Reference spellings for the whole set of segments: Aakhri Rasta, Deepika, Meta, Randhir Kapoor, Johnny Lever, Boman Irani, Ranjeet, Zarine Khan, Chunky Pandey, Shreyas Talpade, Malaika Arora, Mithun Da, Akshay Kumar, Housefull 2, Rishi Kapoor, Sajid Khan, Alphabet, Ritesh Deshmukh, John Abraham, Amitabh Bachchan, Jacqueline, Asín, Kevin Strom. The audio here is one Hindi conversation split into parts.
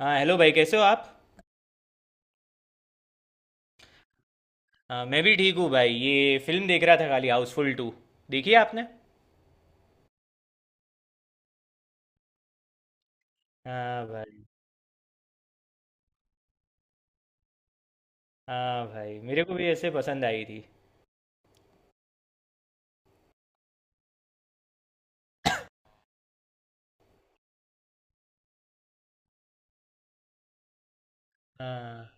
हाँ, हेलो भाई। कैसे हो आप? हाँ, मैं भी ठीक हूँ भाई। ये फिल्म देख रहा था खाली, हाउसफुल 2। देखी है आपने? हाँ भाई। हाँ भाई, मेरे को भी ऐसे पसंद आई थी। हाँ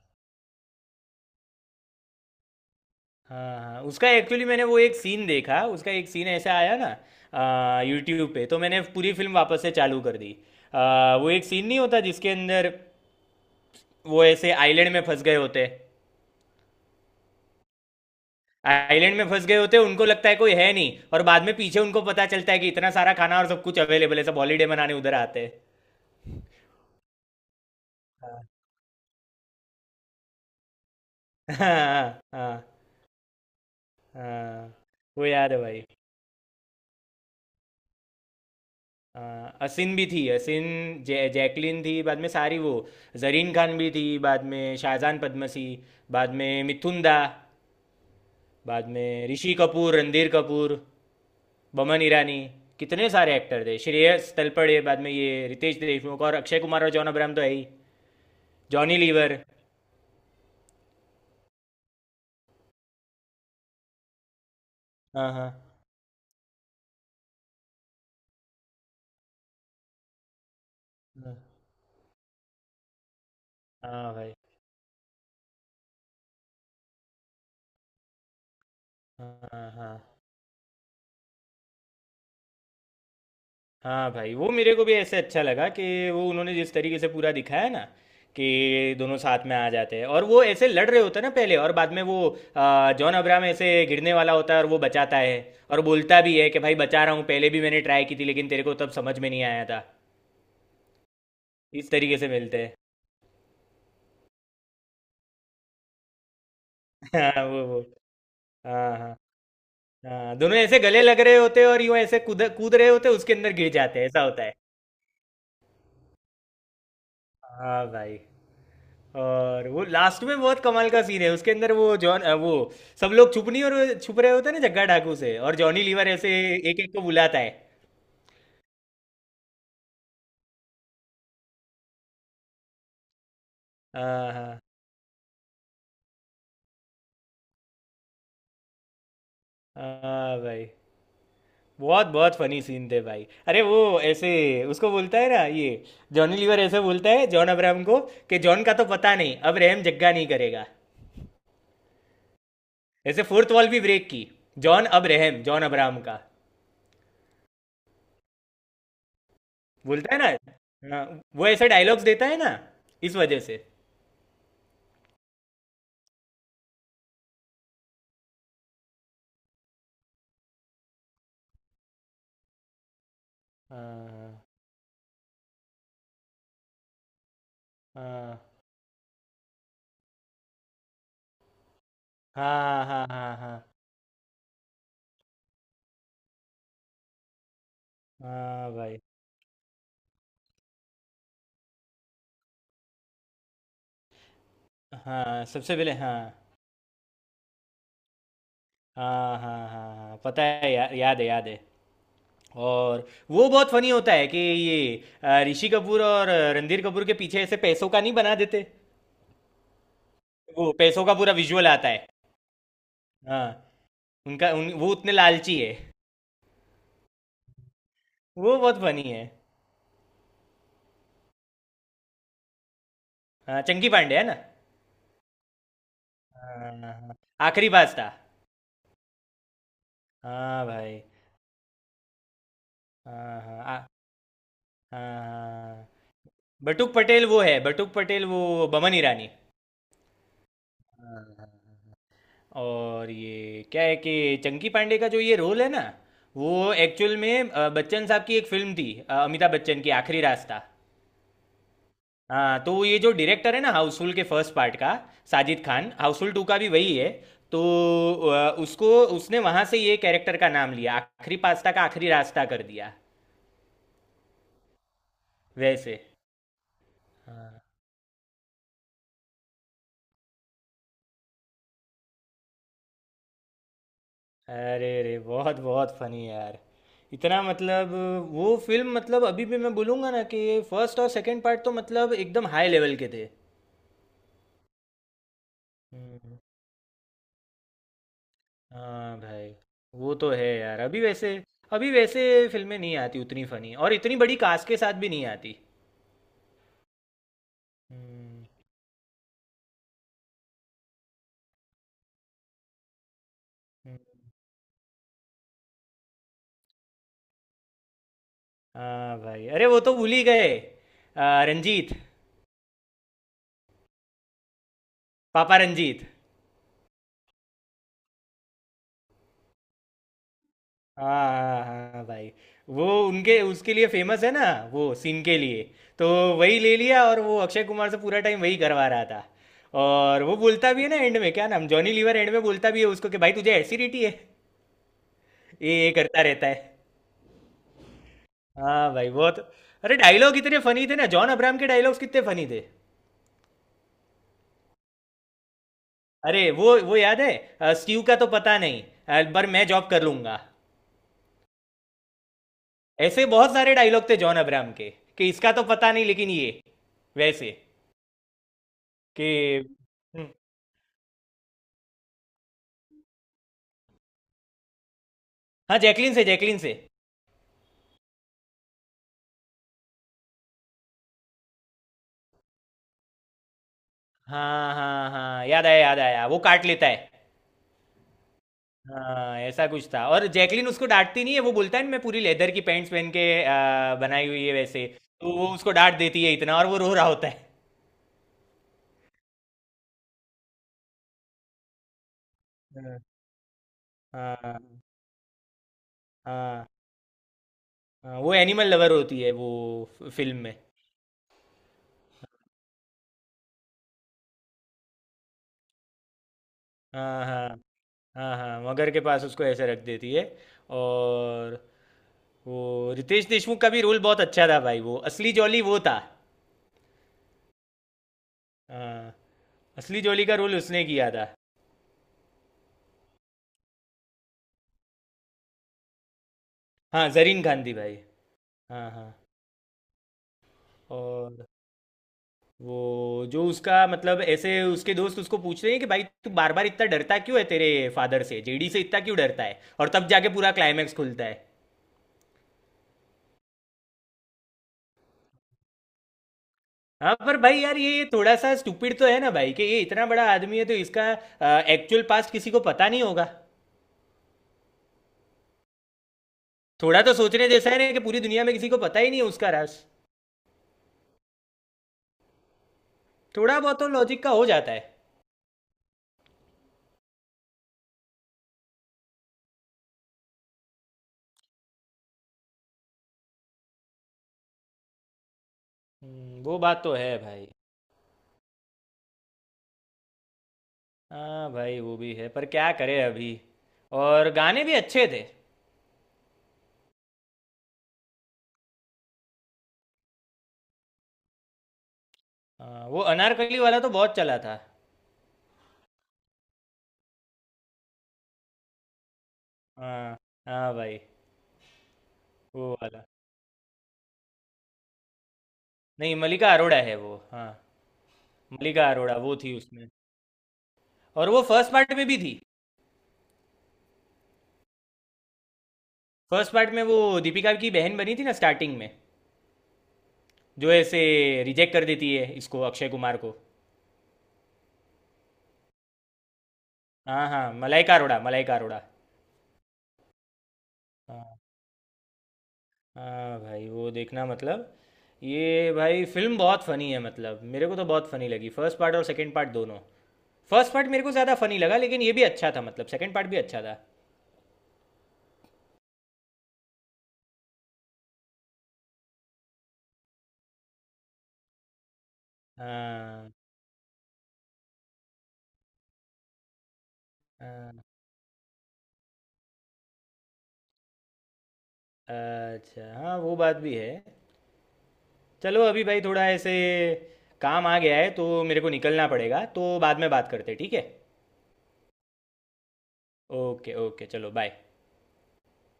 हाँ, हाँ उसका एक्चुअली मैंने वो एक सीन देखा। उसका एक सीन ऐसा आया ना यूट्यूब पे, तो मैंने पूरी फिल्म वापस से चालू कर दी। वो एक सीन नहीं होता जिसके अंदर वो ऐसे आइलैंड में फंस गए होते। आइलैंड में फंस गए होते, उनको लगता है कोई है नहीं, और बाद में पीछे उनको पता चलता है कि इतना सारा खाना और सब कुछ अवेलेबल है, सब हॉलीडे मनाने उधर आते हैं। हाँ हाँ, हाँ वो याद है भाई। हाँ, असिन भी थी, असिन। जैकलिन थी, बाद में सारी वो। जरीन खान भी थी, बाद में शाहजान पद्मसी। बाद में मिथुन दा। बाद में ऋषि कपूर, रणधीर कपूर। बमन ईरानी। कितने सारे एक्टर थे, श्रेयस तलपड़े, बाद में ये रितेश देशमुख, और अक्षय कुमार और जॉन अब्राहम तो है ही। जॉनी लीवर। हाँ हाँ, हाँ भाई। हाँ हाँ, हाँ। हाँ भाई, वो मेरे को भी ऐसे अच्छा लगा कि वो उन्होंने जिस तरीके से पूरा दिखाया ना, कि दोनों साथ में आ जाते हैं और वो ऐसे लड़ रहे होते हैं ना पहले, और बाद में वो जॉन अब्राहम ऐसे गिरने वाला होता है और वो बचाता है। और बोलता भी है कि भाई बचा रहा हूँ, पहले भी मैंने ट्राई की थी लेकिन तेरे को तब समझ में नहीं आया था। इस तरीके से मिलते हैं। हाँ, वो। हाँ हाँ, हाँ दोनों ऐसे गले लग रहे होते हैं और यूं ऐसे कूद कूद रहे होते हैं, उसके अंदर गिर जाते हैं, ऐसा होता है। हाँ भाई, और वो लास्ट में बहुत कमाल का सीन है उसके अंदर वो जॉन वो सब लोग छुप नहीं, और वो छुप रहे होते हैं ना जग्गा डाकू से, और जॉनी लीवर ऐसे एक एक को बुलाता है। हाँ हाँ, हाँ भाई, बहुत बहुत फनी सीन थे भाई। अरे वो, ऐसे उसको बोलता है ना ये, जॉनी लीवर ऐसे बोलता है जॉन अब्राहम को कि जॉन का तो पता नहीं, अब रहम जग्गा नहीं करेगा। ऐसे फोर्थ वॉल भी ब्रेक की, जॉन अब रहम, जॉन अब्राहम का, बोलता है ना। हाँ, वो ऐसे डायलॉग्स देता है ना इस वजह से। हाँ हाँ, हाँ हाँ, हाँ हाँ। हाँ भाई। हाँ, सबसे पहले, हाँ हाँ, हाँ हाँ, हाँ पता है, याद है, याद है। और वो बहुत फनी होता है कि ये ऋषि कपूर और रणधीर कपूर के पीछे ऐसे पैसों का नहीं बना देते। वो पैसों का पूरा विजुअल आता है। हाँ। उनका, वो उतने लालची है। वो बहुत फनी है। हाँ, चंकी पांडे है ना। हाँ हाँ, हाँ। हाँ, आखिरी बात था। हाँ भाई। हाँ हाँ। हाँ। हाँ, बटुक पटेल वो है, बटुक पटेल वो बमन ईरानी। हाँ, हाँ, और ये क्या है कि चंकी पांडे का जो ये रोल है ना, वो एक्चुअल में बच्चन साहब की एक फिल्म थी, अमिताभ बच्चन की आखिरी रास्ता। हाँ, तो ये जो डायरेक्टर है ना हाउसफुल के फर्स्ट पार्ट का, साजिद खान, हाउसफुल 2 का भी वही है। तो उसको, उसने वहां से ये कैरेक्टर का नाम लिया, आखिरी पास्ता का आखिरी रास्ता कर दिया। वैसे। हाँ। अरे रे, बहुत बहुत फनी यार, इतना मतलब, वो फिल्म मतलब, अभी भी मैं बोलूँगा ना कि फर्स्ट और सेकंड पार्ट तो मतलब एकदम हाई लेवल के थे। हम्म। हाँ भाई, वो तो है यार। अभी वैसे, अभी वैसे फिल्में नहीं आती उतनी फनी, और इतनी बड़ी कास्ट के साथ भी नहीं आती। हम्म, हम्म। हाँ भाई, अरे वो तो भूल ही गए। रंजीत। पापा रंजीत। हाँ हाँ, हाँ हाँ भाई। वो उनके, उसके लिए फेमस है ना, वो सीन के लिए। तो वही ले लिया, और वो अक्षय कुमार से पूरा टाइम वही करवा रहा था। और वो बोलता भी है ना एंड में, क्या नाम, जॉनी लीवर एंड में बोलता भी है उसको कि भाई तुझे एसिडिटी है। ये करता रहता है। हाँ भाई, बहुत। अरे, डायलॉग इतने फनी थे ना, जॉन अब्राहम के डायलॉग्स कितने फनी थे। अरे वो याद है। स्टीव का तो पता नहीं, पर मैं जॉब कर लूंगा। ऐसे बहुत सारे डायलॉग थे जॉन अब्राहम के, कि इसका तो पता नहीं लेकिन ये, वैसे, कि। हम्म। हाँ, जैकलिन से, जैकलिन से। हाँ हाँ, हाँ याद आया, याद आया, वो काट लेता है। हाँ, ऐसा कुछ था। और जैकलिन उसको डांटती नहीं है, वो बोलता है ना मैं पूरी लेदर की पैंट्स पहन के, बनाई हुई है वैसे। तो वो उसको डांट देती है इतना, और वो रो रहा होता है। हाँ हाँ, हाँ हाँ, वो एनिमल लवर होती है वो, फिल्म में। हाँ हाँ, हाँ हाँ मगर के पास उसको ऐसे रख देती है। और वो रितेश देशमुख का भी रोल बहुत अच्छा था भाई, वो असली जॉली वो था। हाँ। असली जोली का रोल उसने किया था। हाँ, जरीन खान थी भाई। हाँ हाँ। और वो जो उसका मतलब, ऐसे उसके दोस्त उसको पूछ रहे हैं कि भाई तू बार बार इतना डरता क्यों है, तेरे फादर से, जेडी से इतना क्यों डरता है, और तब जाके पूरा क्लाइमैक्स खुलता है। हाँ, पर भाई यार, ये थोड़ा सा स्टूपिड तो है ना भाई, कि ये इतना बड़ा आदमी है तो इसका एक्चुअल पास्ट किसी को पता नहीं होगा। थोड़ा तो सोचने जैसा है ना, कि पूरी दुनिया में किसी को पता ही नहीं है उसका राज। थोड़ा बहुत तो लॉजिक का हो जाता है। वो बात तो है भाई। हाँ भाई, वो भी है पर क्या करे अभी। और गाने भी अच्छे थे। हाँ, वो अनारकली वाला तो बहुत चला था। हाँ हाँ भाई। वो वाला, नहीं मलिका अरोड़ा है वो, हाँ। मलिका अरोड़ा वो थी उसमें। और वो फर्स्ट पार्ट में भी थी। फर्स्ट पार्ट में वो दीपिका की बहन बनी थी ना स्टार्टिंग में, जो ऐसे रिजेक्ट कर देती है इसको, अक्षय कुमार को। हाँ हाँ, मलाइका अरोड़ा, मलाइका अरोड़ा। हाँ। हाँ भाई, वो देखना मतलब, ये भाई फिल्म बहुत फनी है मतलब, मेरे को तो बहुत फनी लगी, फर्स्ट पार्ट और सेकंड पार्ट दोनों। फर्स्ट पार्ट मेरे को ज़्यादा फनी लगा, लेकिन ये भी अच्छा था मतलब सेकंड पार्ट भी अच्छा था। हाँ हाँ। अच्छा, हाँ वो बात भी है। चलो अभी भाई, थोड़ा ऐसे काम आ गया है तो मेरे को निकलना पड़ेगा, तो बाद में बात करते हैं, ठीक है? ओके ओके, चलो बाय।